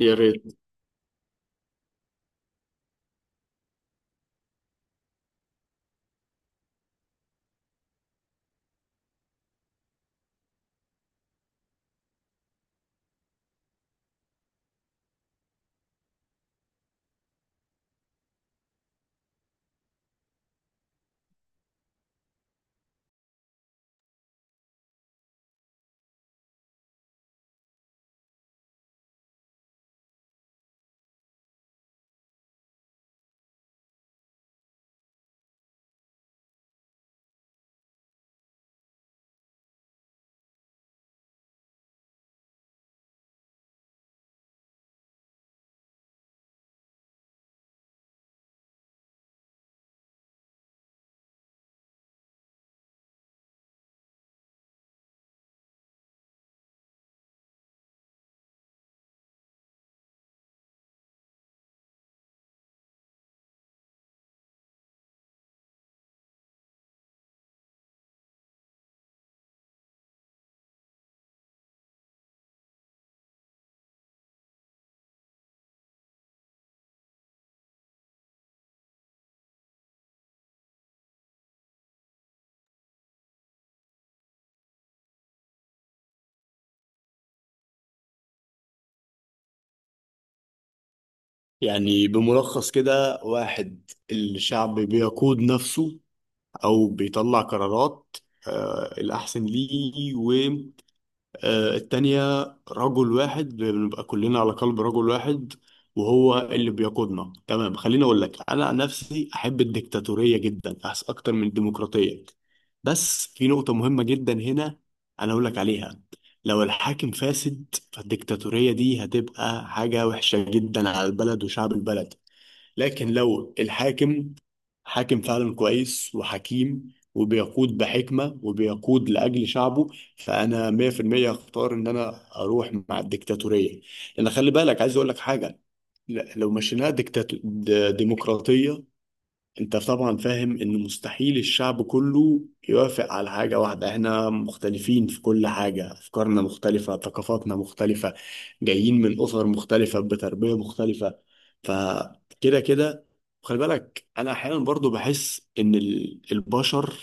يا ريت. يعني بملخص كده، واحد الشعب بيقود نفسه أو بيطلع قرارات. آه، الأحسن ليه؟ آه، التانية رجل واحد، بنبقى كلنا على قلب رجل واحد وهو اللي بيقودنا. تمام، خليني اقول لك، انا عن نفسي احب الديكتاتورية جدا، أحس اكتر من الديمقراطية. بس في نقطة مهمة جدا هنا انا اقول لك عليها. لو الحاكم فاسد فالديكتاتورية دي هتبقى حاجة وحشة جدا على البلد وشعب البلد. لكن لو الحاكم حاكم فعلا كويس وحكيم وبيقود بحكمة وبيقود لأجل شعبه، فأنا 100% هختار إن أنا أروح مع الديكتاتورية. لأن خلي بالك، عايز أقول لك حاجة، لو مشيناها ديمقراطية، انت طبعا فاهم ان مستحيل الشعب كله يوافق على حاجة واحدة. احنا مختلفين في كل حاجة، افكارنا مختلفة، ثقافاتنا مختلفة، جايين من اسر مختلفة بتربية مختلفة. فكده كده خلي بالك، انا احيانا برضو بحس ان البشر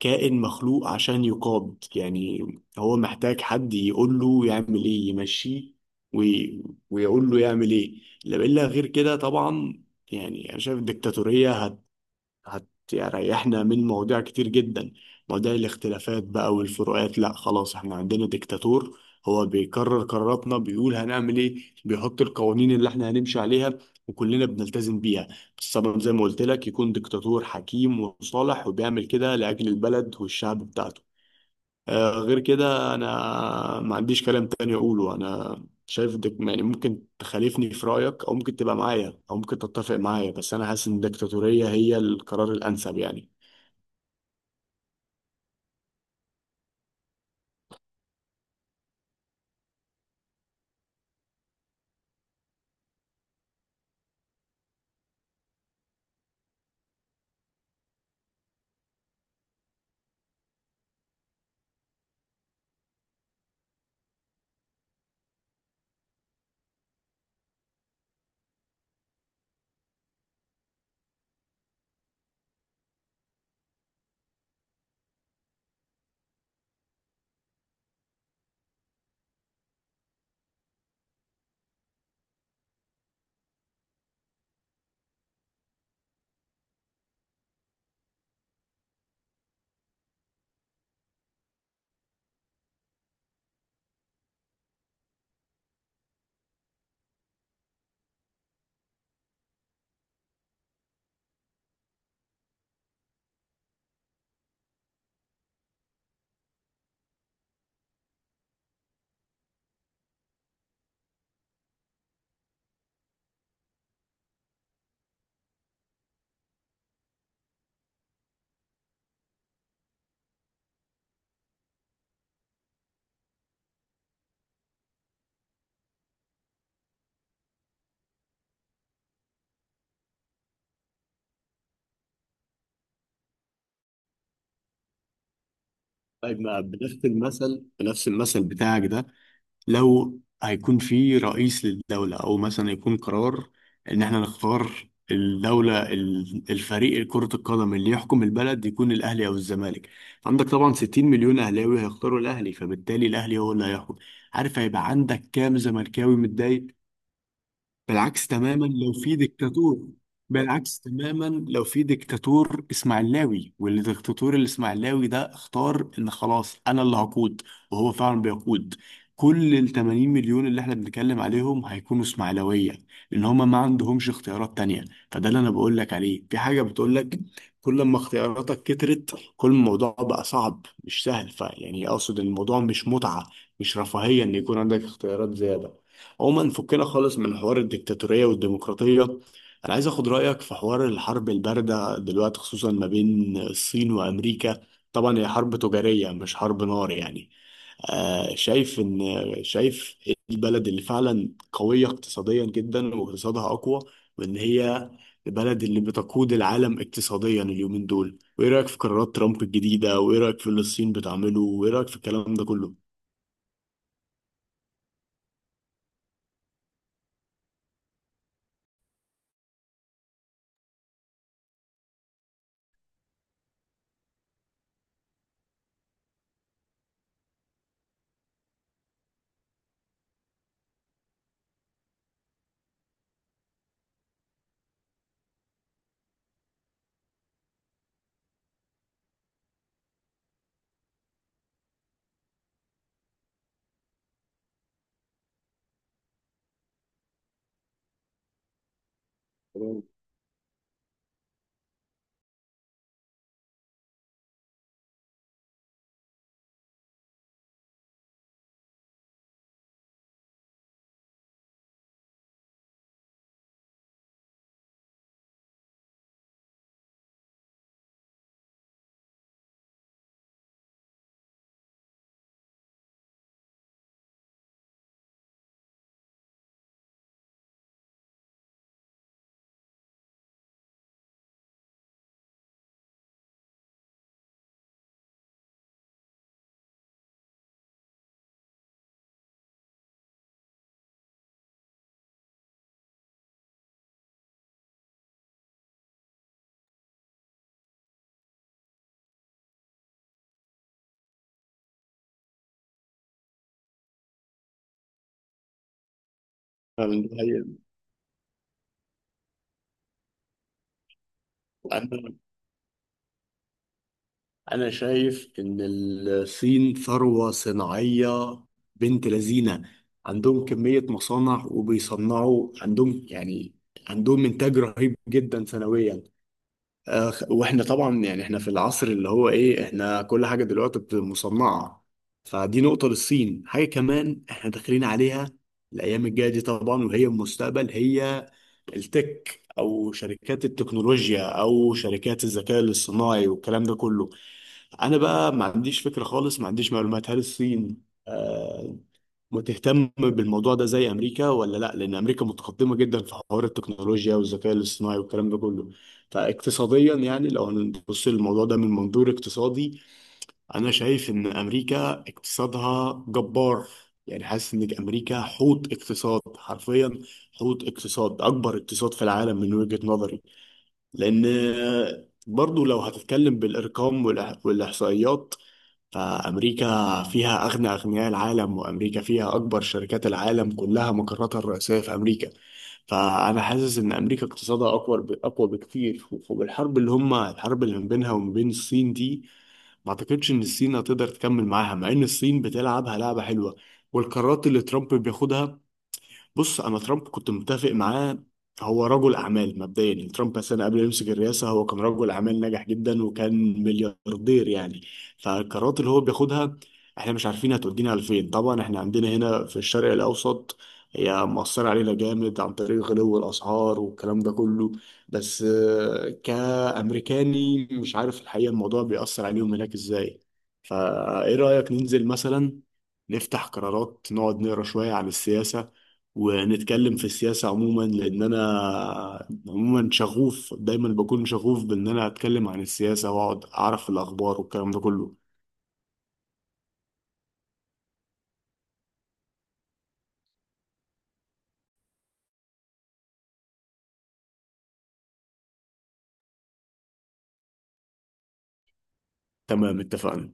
كائن مخلوق عشان يقاد يعني. هو محتاج حد يقول له يعمل ايه، يمشيه وي... ويقول له يعمل ايه، لا الا غير كده طبعا. يعني انا شايف الدكتاتوريه هتريحنا من مواضيع كتير جدا، مواضيع الاختلافات بقى والفروقات. لا خلاص، احنا عندنا ديكتاتور، هو بيكرر قراراتنا، بيقول هنعمل ايه، بيحط القوانين اللي احنا هنمشي عليها وكلنا بنلتزم بيها. السبب زي ما قلت لك، يكون ديكتاتور حكيم وصالح وبيعمل كده لأجل البلد والشعب بتاعته. آه، غير كده انا ما عنديش كلام تاني اقوله. انا شايف دك يعني، ممكن تخالفني في رايك او ممكن تبقى معايا او ممكن تتفق معايا، بس انا حاسس ان الدكتاتوريه هي القرار الانسب يعني. طيب، ما بنفس المثل، بنفس المثل بتاعك ده، لو هيكون في رئيس للدولة أو مثلا يكون قرار إن إحنا نختار الدولة الفريق كرة القدم اللي يحكم البلد، يكون الأهلي أو الزمالك. عندك طبعا 60 مليون أهلاوي هيختاروا الأهلي، فبالتالي الأهلي هو اللي هيحكم. عارف هيبقى عندك كام زملكاوي متضايق؟ بالعكس تماما لو في ديكتاتور، بالعكس تماما لو في ديكتاتور اسماعيلاوي والديكتاتور الاسماعيلاوي ده اختار ان خلاص انا اللي هقود، وهو فعلا بيقود. كل ال 80 مليون اللي احنا بنتكلم عليهم هيكونوا اسماعيلاويه، لان هما ما عندهمش اختيارات تانية. فده اللي انا بقول لك عليه، في حاجه بتقول لك كل ما اختياراتك كترت كل ما الموضوع بقى صعب مش سهل. فيعني اقصد ان الموضوع مش متعه، مش رفاهيه ان يكون عندك اختيارات زياده. عموما، فكنا خالص من حوار الديكتاتورية والديمقراطية. أنا عايز أخد رأيك في حوار الحرب الباردة دلوقتي، خصوصا ما بين الصين وأمريكا. طبعا هي حرب تجارية مش حرب نار يعني. آه، شايف إيه البلد اللي فعلا قوية اقتصاديا جدا واقتصادها أقوى، وإن هي البلد اللي بتقود العالم اقتصاديا اليومين دول؟ وإيه رأيك في قرارات ترامب الجديدة، وإيه رأيك في اللي الصين بتعمله، وإيه رأيك في الكلام ده كله؟ تمام. فعلاً دي حقيقة. أنا شايف إن الصين ثروة صناعية بنت لذينة، عندهم كمية مصانع وبيصنعوا عندهم يعني، عندهم إنتاج رهيب جدا سنويا. آه، وإحنا طبعا يعني، إحنا في العصر اللي هو إيه، إحنا كل حاجة دلوقتي بتبقى مصنعة، فدي نقطة للصين. حاجة كمان إحنا داخلين عليها الأيام الجاية دي طبعا، وهي المستقبل، هي التك أو شركات التكنولوجيا أو شركات الذكاء الاصطناعي والكلام ده كله. انا بقى ما عنديش فكره خالص، ما عنديش معلومات، هل الصين آه، متهتم بالموضوع ده زي امريكا ولا لا، لان امريكا متقدمه جدا في حوار التكنولوجيا والذكاء الاصطناعي والكلام ده كله. فاقتصاديا يعني، لو هنبص للموضوع ده من منظور اقتصادي، انا شايف ان امريكا اقتصادها جبار. يعني حاسس ان امريكا حوت اقتصاد حرفيا، حوت اقتصاد، اكبر اقتصاد في العالم من وجهة نظري. لان آه، برضو لو هتتكلم بالارقام والاحصائيات، فأمريكا فيها أغنى أغنياء العالم، وأمريكا فيها أكبر شركات العالم كلها مقراتها الرئيسية في أمريكا. فأنا حاسس إن أمريكا اقتصادها أقوى أقوى بكتير. وبالحرب اللي الحرب اللي ما بينها وما بين الصين دي، ما أعتقدش إن الصين هتقدر تكمل معاها، مع إن الصين بتلعبها لعبة حلوة. والقرارات اللي ترامب بياخدها، بص، انا ترامب كنت متفق معاه. هو رجل اعمال مبدئيا، يعني ترامب مثلا قبل ما يمسك الرئاسه هو كان رجل اعمال ناجح جدا وكان ملياردير يعني. فالقرارات اللي هو بياخدها احنا مش عارفين هتودينا لفين طبعا. احنا عندنا هنا في الشرق الاوسط هي مؤثره علينا جامد عن طريق غلو الاسعار والكلام ده كله، بس آه، كامريكاني مش عارف الحقيقه الموضوع بيأثر عليهم هناك ازاي. فايه رايك ننزل مثلا نفتح قرارات، نقعد نقرا شويه عن السياسه ونتكلم في السياسة عموما؟ لأن أنا عموما شغوف، دايما بكون شغوف بإن أنا أتكلم عن السياسة وأقعد أعرف الأخبار والكلام ده كله. تمام اتفقنا.